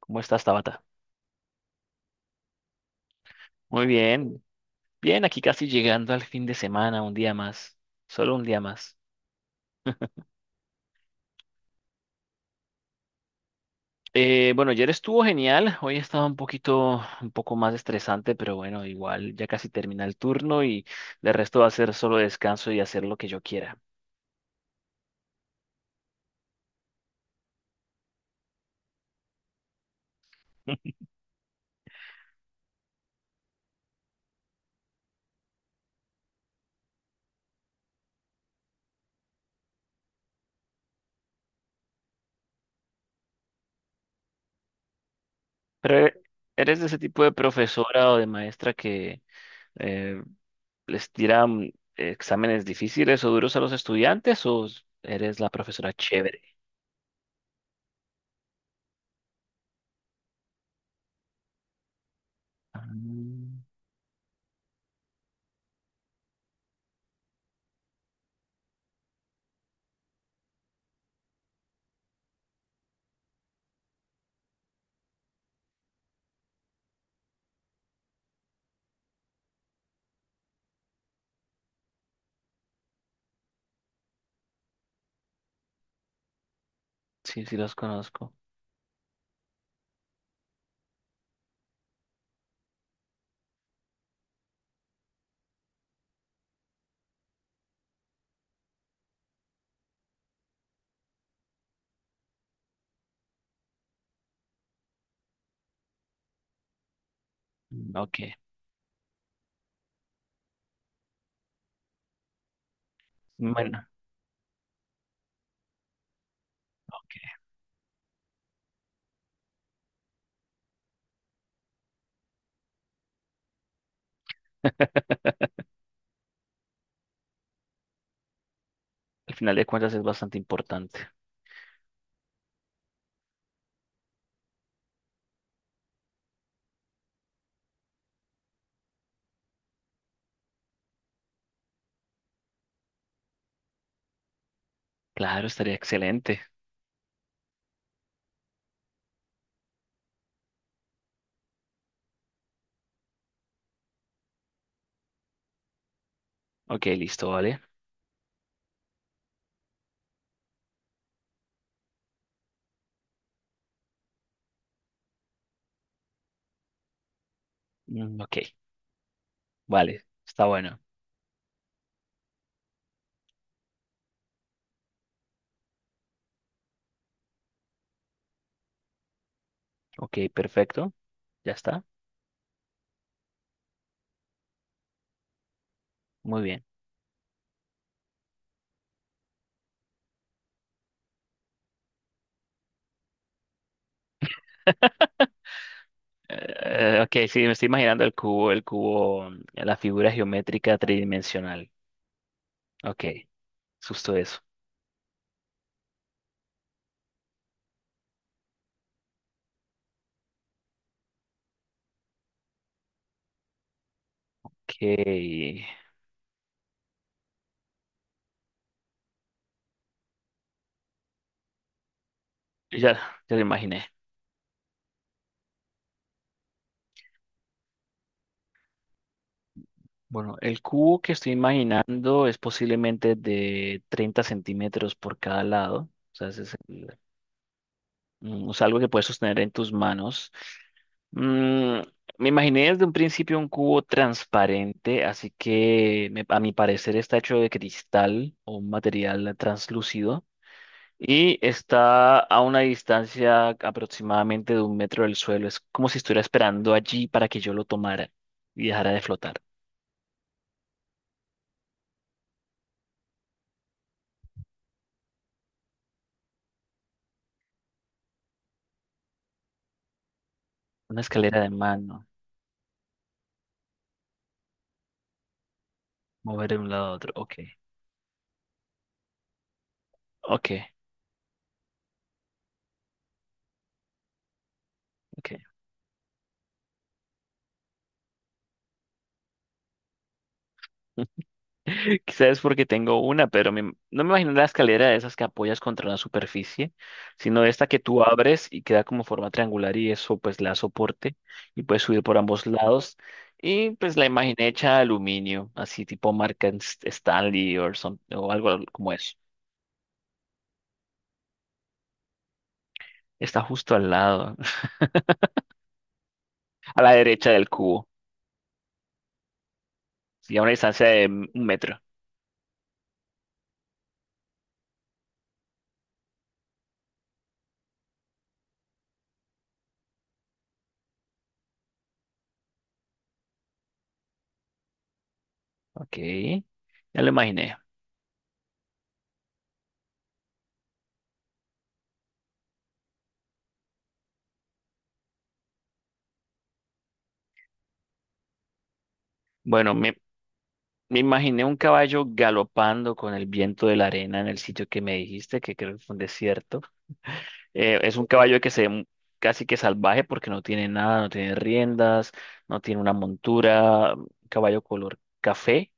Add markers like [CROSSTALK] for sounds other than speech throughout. ¿Cómo estás, Tabata? Muy bien, bien, aquí casi llegando al fin de semana, un día más, solo un día más. Bueno, ayer estuvo genial, hoy estaba un poco más estresante, pero bueno, igual ya casi termina el turno y de resto va a ser solo descanso y hacer lo que yo quiera. [LAUGHS] Pero ¿eres de ese tipo de profesora o de maestra que eh, les tira exámenes difíciles o duros a los estudiantes o eres la profesora chévere? Ah, sí, sí los conozco. Mm, ok, bueno, ok. Al final de cuentas es bastante importante. Claro, estaría excelente. Ok, listo, vale. Mm, ok, vale, está bueno. Ok, perfecto, ya está. Muy bien. Ok, sí, me estoy imaginando el cubo, la figura geométrica tridimensional. Ok, justo eso. Ok, ya, ya lo imaginé. Bueno, el cubo que estoy imaginando es posiblemente de 30 centímetros por cada lado. O sea, ese es el... Mm, o algo que puedes sostener en tus manos. Mm, Me imaginé desde un principio un cubo transparente, así que a mi parecer está hecho de cristal o un material translúcido y está a una distancia aproximadamente de 1 metro del suelo. Es como si estuviera esperando allí para que yo lo tomara y dejara de flotar. Una escalera de mano, mover de un lado a otro. Ok, ok, ok. [LAUGHS] Quizás es porque tengo una, pero no me imagino la escalera de esas que apoyas contra la superficie, sino esta que tú abres y queda como forma triangular y eso pues la soporte y puedes subir por ambos lados. Y pues la imaginé hecha de aluminio, así tipo marca Stanley o algo como eso. Está justo al lado, [LAUGHS] a la derecha del cubo, sí, a una distancia de 1 metro. Ok, ya lo imaginé. Bueno, me Me imaginé un caballo galopando con el viento de la arena en el sitio que me dijiste, que creo que fue un desierto. Es un caballo que se ve casi que salvaje porque no tiene nada, no tiene riendas, no tiene una montura, un caballo color café,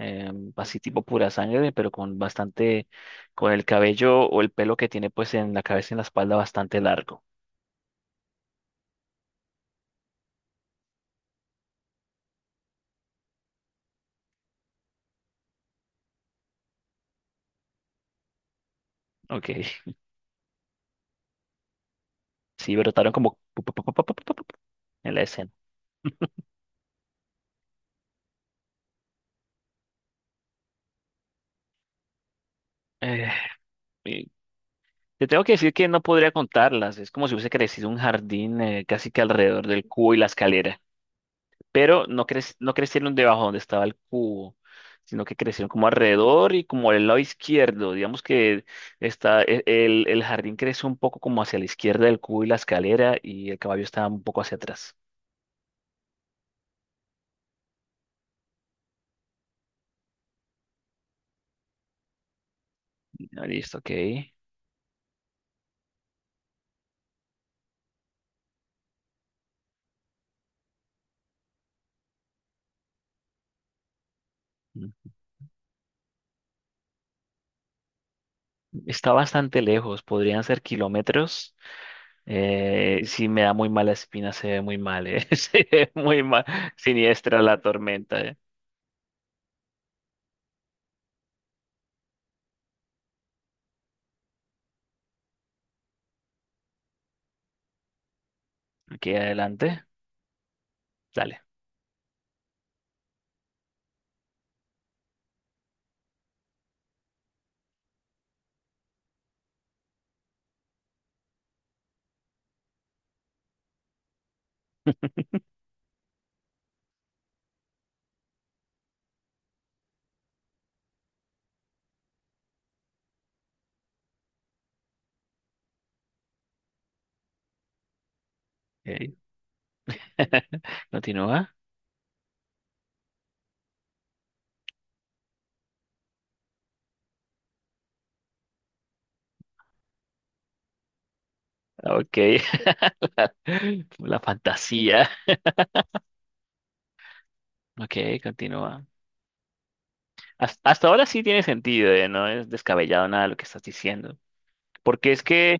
eh, así tipo pura sangre, pero con el cabello o el pelo que tiene pues en la cabeza y en la espalda bastante largo. Ok, [LAUGHS] sí, brotaron como pu- pu- pu- pu- pu- pu- pu- pu- en la escena. Eh, Te tengo que decir que no podría contarlas. Es como si hubiese crecido un jardín casi que alrededor del cubo y la escalera. Pero no, no crecieron debajo donde estaba el cubo, sino que crecieron como alrededor y como al lado izquierdo. Digamos que el jardín creció un poco como hacia la izquierda del cubo y la escalera y el caballo estaba un poco hacia atrás. Ah, listo, ok. Mm, Está bastante lejos, podrían ser kilómetros. Sí me da muy mala espina, se ve muy mal. [LAUGHS] Se ve muy mal, siniestra la tormenta. Aquí adelante, dale. Ok. [LAUGHS] Continúa. Ok. [LAUGHS] La fantasía. Ok, continúa. Hasta ahora sí tiene sentido, no es descabellado nada lo que estás diciendo. Porque es que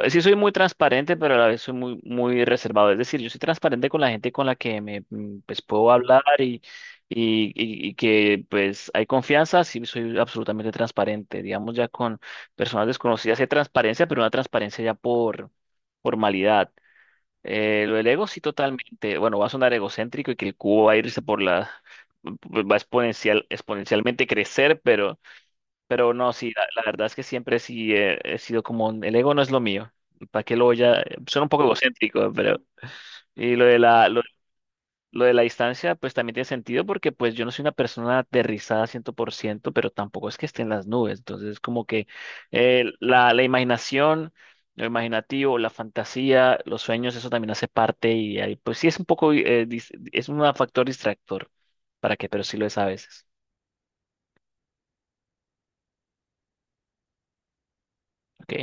sí soy muy transparente, pero a la vez soy muy, muy reservado. Es decir, yo soy transparente con la gente con la que me pues, puedo hablar y, y que pues hay confianza, sí soy absolutamente transparente. Digamos, ya con personas desconocidas hay transparencia, pero una transparencia ya por formalidad. Lo del ego sí totalmente. Bueno, va a sonar egocéntrico y que el cubo va a irse por la... exponencialmente crecer, pero no, sí, la verdad es que siempre sí he sido como, el ego no es lo mío. ¿Para qué lo voy a...? Suena un poco egocéntrico, pero... Y lo de la distancia, pues también tiene sentido porque pues yo no soy una persona aterrizada 100% pero tampoco es que esté en las nubes. Entonces, como que la imaginación, lo imaginativo, la fantasía, los sueños, eso también hace parte y ahí, pues sí es un poco, es un factor distractor. ¿Para qué? Pero sí lo es a veces. Ok,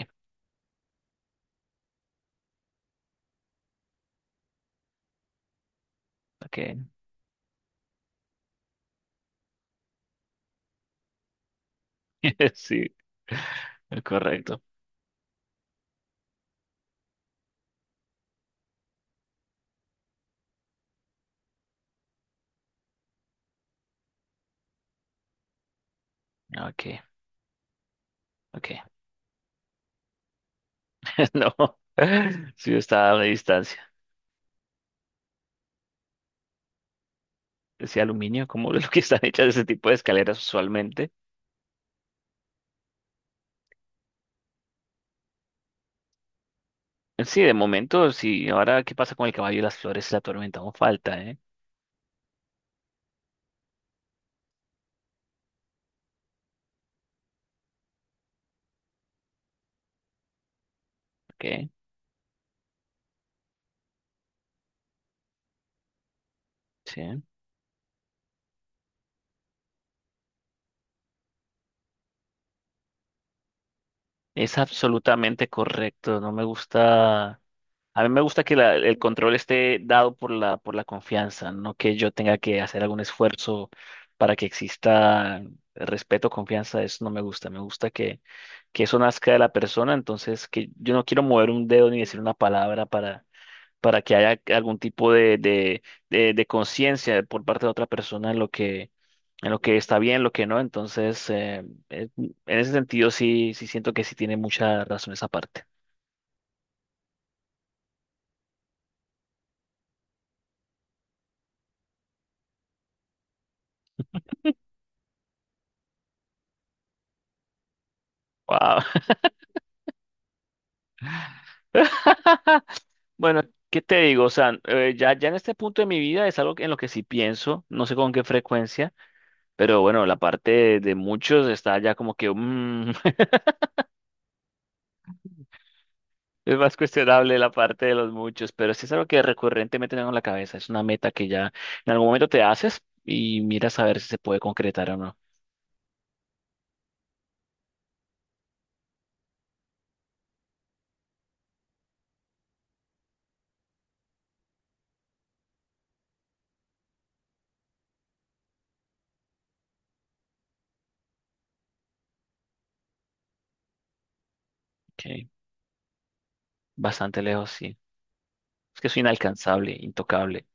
ok. [LAUGHS] Sí, correcto. Ok. Ok, [LAUGHS] no, [LAUGHS] sí está a una distancia. Ese aluminio, como [LAUGHS] de lo que están hechas ese tipo de escaleras usualmente. Sí, de momento, sí. Ahora, ¿qué pasa con el caballo y las flores y la tormenta? Aún falta, ¿eh? Ok, sí. Es absolutamente correcto. No me gusta. A mí me gusta que el control esté dado por la confianza, no que yo tenga que hacer algún esfuerzo para que exista respeto, confianza, eso no me gusta. Me gusta que eso nazca de la persona, entonces que yo no quiero mover un dedo ni decir una palabra para que haya algún tipo de conciencia por parte de otra persona en lo que está bien, lo que no. Entonces, en ese sentido sí, sí siento que sí tiene mucha razón esa parte. Wow. [LAUGHS] Bueno, ¿qué te digo? O sea, ya en este punto de mi vida es algo en lo que sí pienso, no sé con qué frecuencia, pero bueno, la parte de muchos está ya como que, [LAUGHS] es más cuestionable la parte de los muchos, pero sí es algo que recurrentemente tengo en la cabeza, es una meta que ya en algún momento te haces y miras a ver si se puede concretar o no. Ok, bastante lejos, sí. Es que soy inalcanzable, intocable.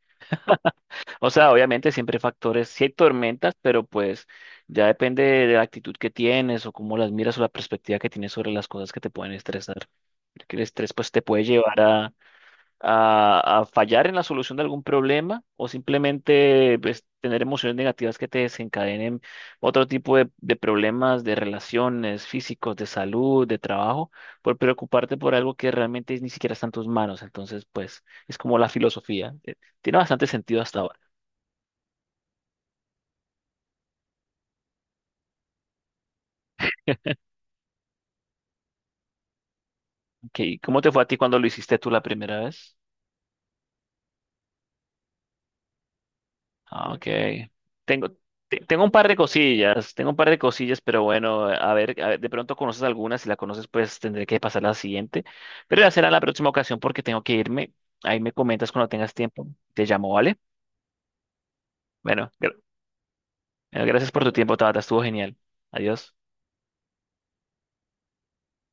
O sea, obviamente siempre hay factores, sí hay tormentas, pero pues ya depende de la actitud que tienes o cómo las miras o la perspectiva que tienes sobre las cosas que te pueden estresar. Porque el estrés pues te puede llevar a fallar en la solución de algún problema o simplemente pues, tener emociones negativas que te desencadenen otro tipo de problemas de relaciones físicos, de salud, de trabajo, por preocuparte por algo que realmente ni siquiera está en tus manos. Entonces pues es como la filosofía. Tiene bastante sentido hasta ahora. ¿Cómo te fue a ti cuando lo hiciste tú la primera vez? Ah, mm. Ok. Tengo, tengo un par de cosillas, tengo un par de cosillas, pero bueno, a ver, de pronto conoces algunas, si la conoces, pues tendré que pasar a la siguiente. Pero ya será en la próxima ocasión porque tengo que irme. Ahí me comentas cuando tengas tiempo. Te llamo, ¿vale? Bueno, gra- bueno, gracias por tu tiempo, Tabata, estuvo genial. Adiós.